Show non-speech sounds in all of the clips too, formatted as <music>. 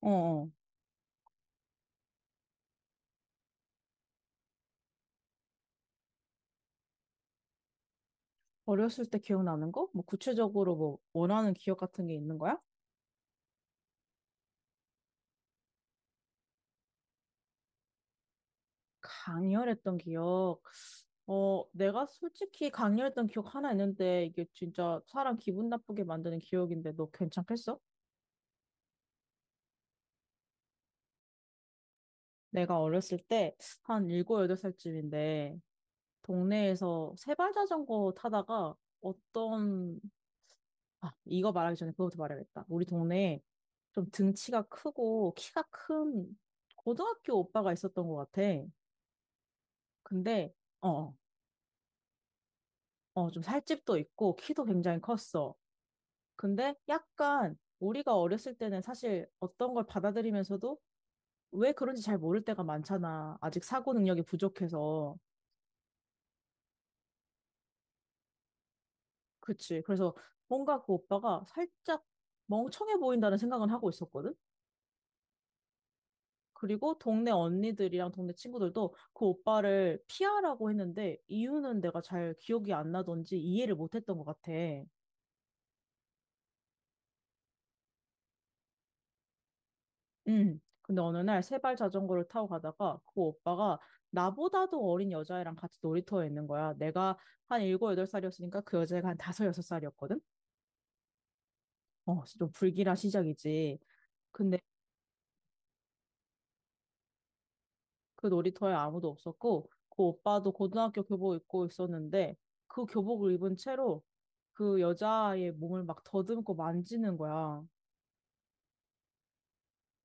어, 어. 어렸을 때 기억나는 거? 뭐 구체적으로 뭐 원하는 기억 같은 게 있는 거야? 강렬했던 기억. 내가 솔직히 강렬했던 기억 하나 있는데 이게 진짜 사람 기분 나쁘게 만드는 기억인데 너 괜찮겠어? 내가 어렸을 때 한 일곱 여덟 살쯤인데 동네에서 세발 자전거 타다가 어떤 이거 말하기 전에 그거부터 말해야겠다. 우리 동네에 좀 등치가 크고 키가 큰 고등학교 오빠가 있었던 것 같아. 근데 어, 어, 좀 살집도 있고 키도 굉장히 컸어. 근데 약간 우리가 어렸을 때는 사실 어떤 걸 받아들이면서도 왜 그런지 잘 모를 때가 많잖아. 아직 사고 능력이 부족해서. 그치. 그래서 뭔가 그 오빠가 살짝 멍청해 보인다는 생각은 하고 있었거든. 그리고 동네 언니들이랑 동네 친구들도 그 오빠를 피하라고 했는데 이유는 내가 잘 기억이 안 나던지 이해를 못 했던 것 같아. 응. 근데 어느 날 세발 자전거를 타고 가다가 그 오빠가 나보다도 어린 여자애랑 같이 놀이터에 있는 거야. 내가 한 일곱 여덟 살이었으니까그 여자애가 한 다섯 여섯 살이었거든. 좀 불길한 시작이지. 근데 그 놀이터에 아무도 없었고 그 오빠도 고등학교 교복 입고 있었는데 그 교복을 입은 채로 그 여자아이의 몸을 막 더듬고 만지는 거야.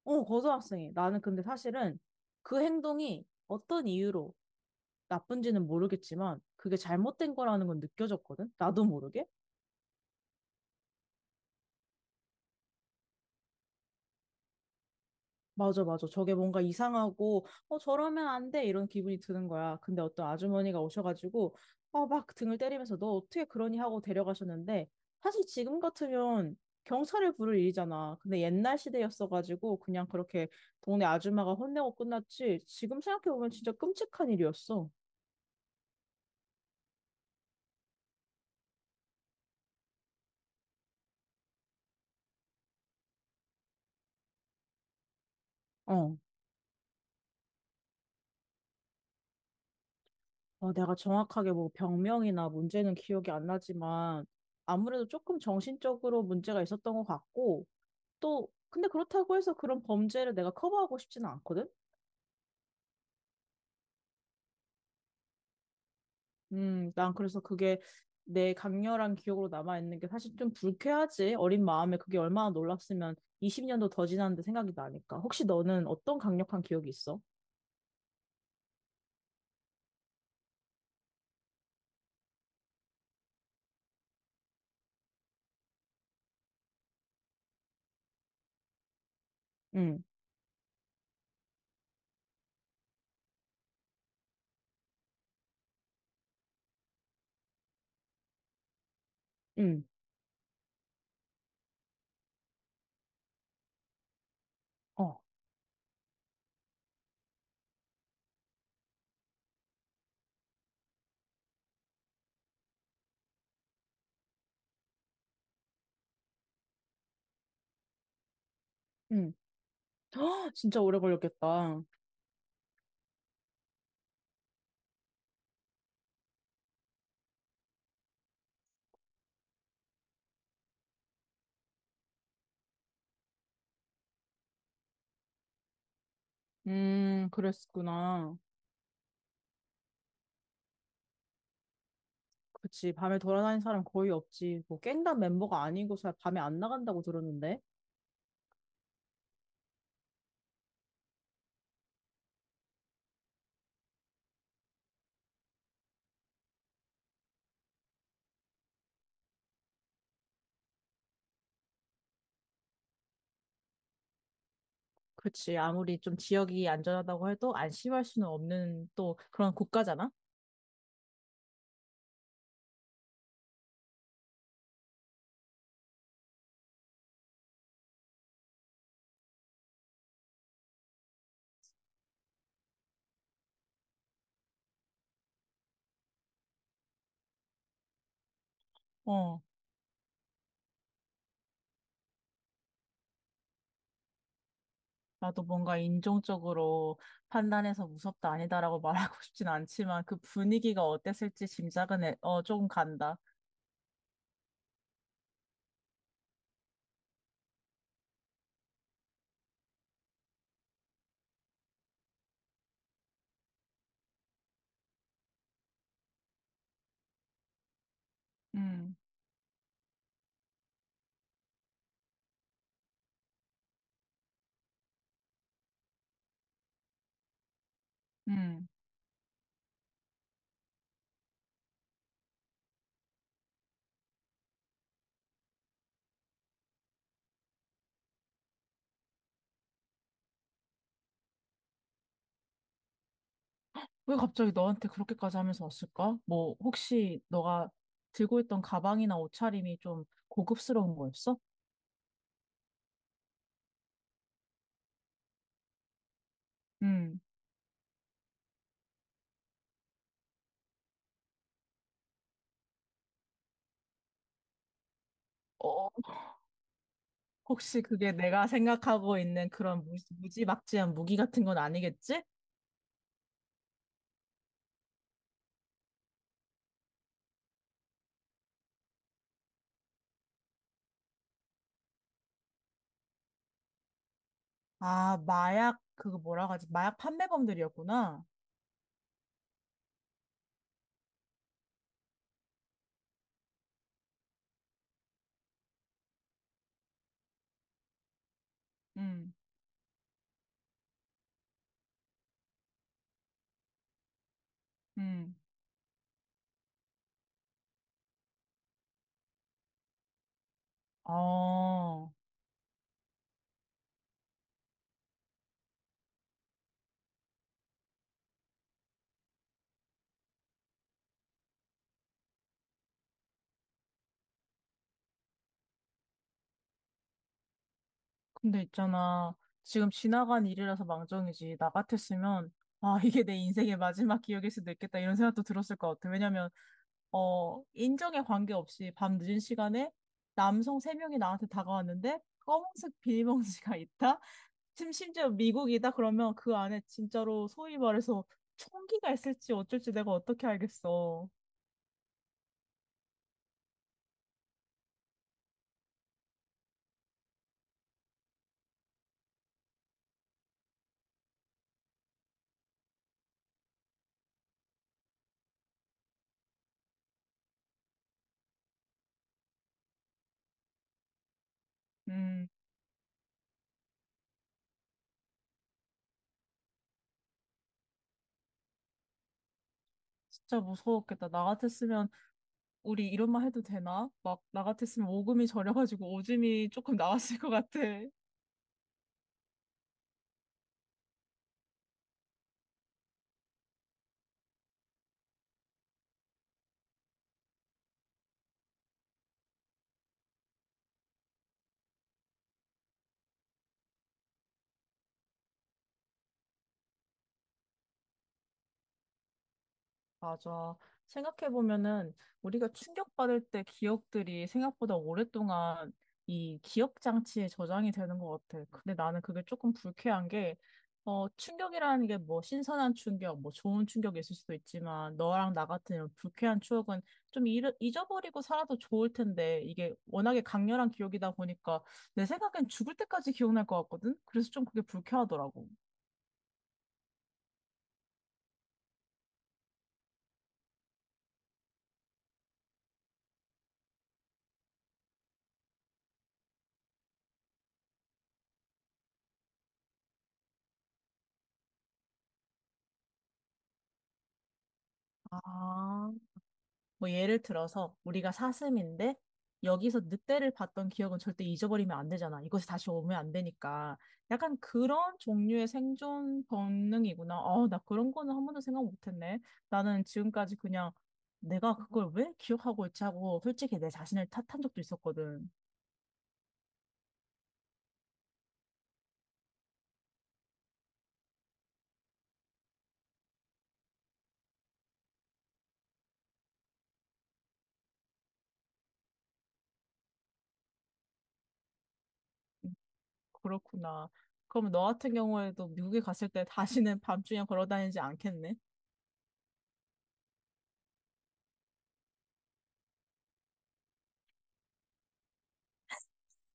어, 고등학생이. 나는 근데 사실은 그 행동이 어떤 이유로 나쁜지는 모르겠지만 그게 잘못된 거라는 건 느껴졌거든? 나도 모르게? 맞아, 맞아. 저게 뭔가 이상하고, 저러면 안 돼. 이런 기분이 드는 거야. 근데 어떤 아주머니가 오셔가지고, 막 등을 때리면서 너 어떻게 그러니 하고 데려가셨는데, 사실 지금 같으면 경찰을 부를 일이잖아. 근데 옛날 시대였어가지고 그냥 그렇게 동네 아줌마가 혼내고 끝났지. 지금 생각해보면 진짜 끔찍한 일이었어. 어. 아, 내가 정확하게 뭐 병명이나 문제는 기억이 안 나지만 아무래도 조금 정신적으로 문제가 있었던 것 같고 또 근데 그렇다고 해서 그런 범죄를 내가 커버하고 싶지는 않거든? 난 그래서 그게 내 강렬한 기억으로 남아있는 게 사실 좀 불쾌하지. 어린 마음에 그게 얼마나 놀랐으면 20년도 더 지났는데 생각이 나니까. 혹시 너는 어떤 강력한 기억이 있어? 응, 응, 어, 응. <gasps> 진짜 오래 걸렸겠다. 그랬구나. 그치. 밤에 돌아다니는 사람 거의 없지. 뭐 갱단 멤버가 아니고서 밤에 안 나간다고 들었는데. 그치. 아무리 좀 지역이 안전하다고 해도 안심할 수는 없는 또 그런 국가잖아? 어. 나도 뭔가 인종적으로 판단해서 무섭다 아니다라고 말하고 <laughs> 싶진 않지만 그 분위기가 어땠을지 짐작은 해. 조금 간다. 음, 음. 왜 갑자기 너한테 그렇게까지 하면서 왔을까? 뭐, 혹시 너가 들고 있던 가방이나 옷차림이 좀 고급스러운 거였어? 음. 어, 혹시 그게 내가 생각하고 있는 그런 무지막지한 무기 같은 건 아니겠지? 아, 마약, 그거 뭐라고 하지? 마약 판매범들이었구나. 음, 음. 어, 근데 있잖아. 지금 지나간 일이라서 망정이지. 나 같았으면, 아, 이게 내 인생의 마지막 기억일 수도 있겠다. 이런 생각도 들었을 것 같아. 왜냐면, 인정에 관계없이 밤 늦은 시간에 남성 세명이 나한테 다가왔는데, 검은색 비닐봉지가 있다? 지금 심지어 미국이다 그러면 그 안에 진짜로 소위 말해서 총기가 있을지 어쩔지 내가 어떻게 알겠어. 음, 진짜 무서웠겠다. 나 같았으면 우리 이런 말 해도 되나? 막 나 같았으면 오금이 저려가지고 오줌이 조금 나왔을 것 같아. 맞아. 생각해보면은 우리가 충격받을 때 기억들이 생각보다 오랫동안 이 기억 장치에 저장이 되는 것 같아. 근데 나는 그게 조금 불쾌한 게, 충격이라는 게 뭐 신선한 충격, 뭐 좋은 충격이 있을 수도 있지만 너랑 나 같은 이런 불쾌한 추억은 좀어 잊어버리고 살아도 좋을 텐데 이게 워낙에 강렬한 기억이다 보니까 내 생각엔 죽을 때까지 기억날 것 같거든? 그래서 좀 그게 불쾌하더라고. 아, 뭐 예를 들어서 우리가 사슴인데 여기서 늑대를 봤던 기억은 절대 잊어버리면 안 되잖아. 이곳에 다시 오면 안 되니까. 약간 그런 종류의 생존 본능이구나. 나 그런 거는 한 번도 생각 못 했네. 나는 지금까지 그냥 내가 그걸 왜 기억하고 있지 하고 솔직히 내 자신을 탓한 적도 있었거든. 그렇구나. 그럼 너 같은 경우에도 미국에 갔을 때 다시는 밤중에 걸어 다니지 않겠네?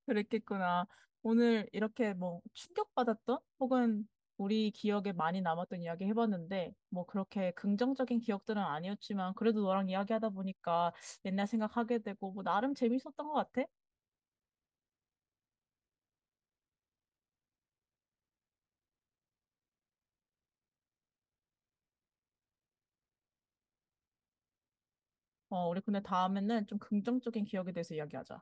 그랬겠구나. 오늘 이렇게 뭐 충격받았던 혹은 우리 기억에 많이 남았던 이야기 해봤는데 뭐 그렇게 긍정적인 기억들은 아니었지만 그래도 너랑 이야기하다 보니까 옛날 생각하게 되고 뭐 나름 재밌었던 것 같아. 우리 근데 다음에는 좀 긍정적인 기억에 대해서 이야기하자.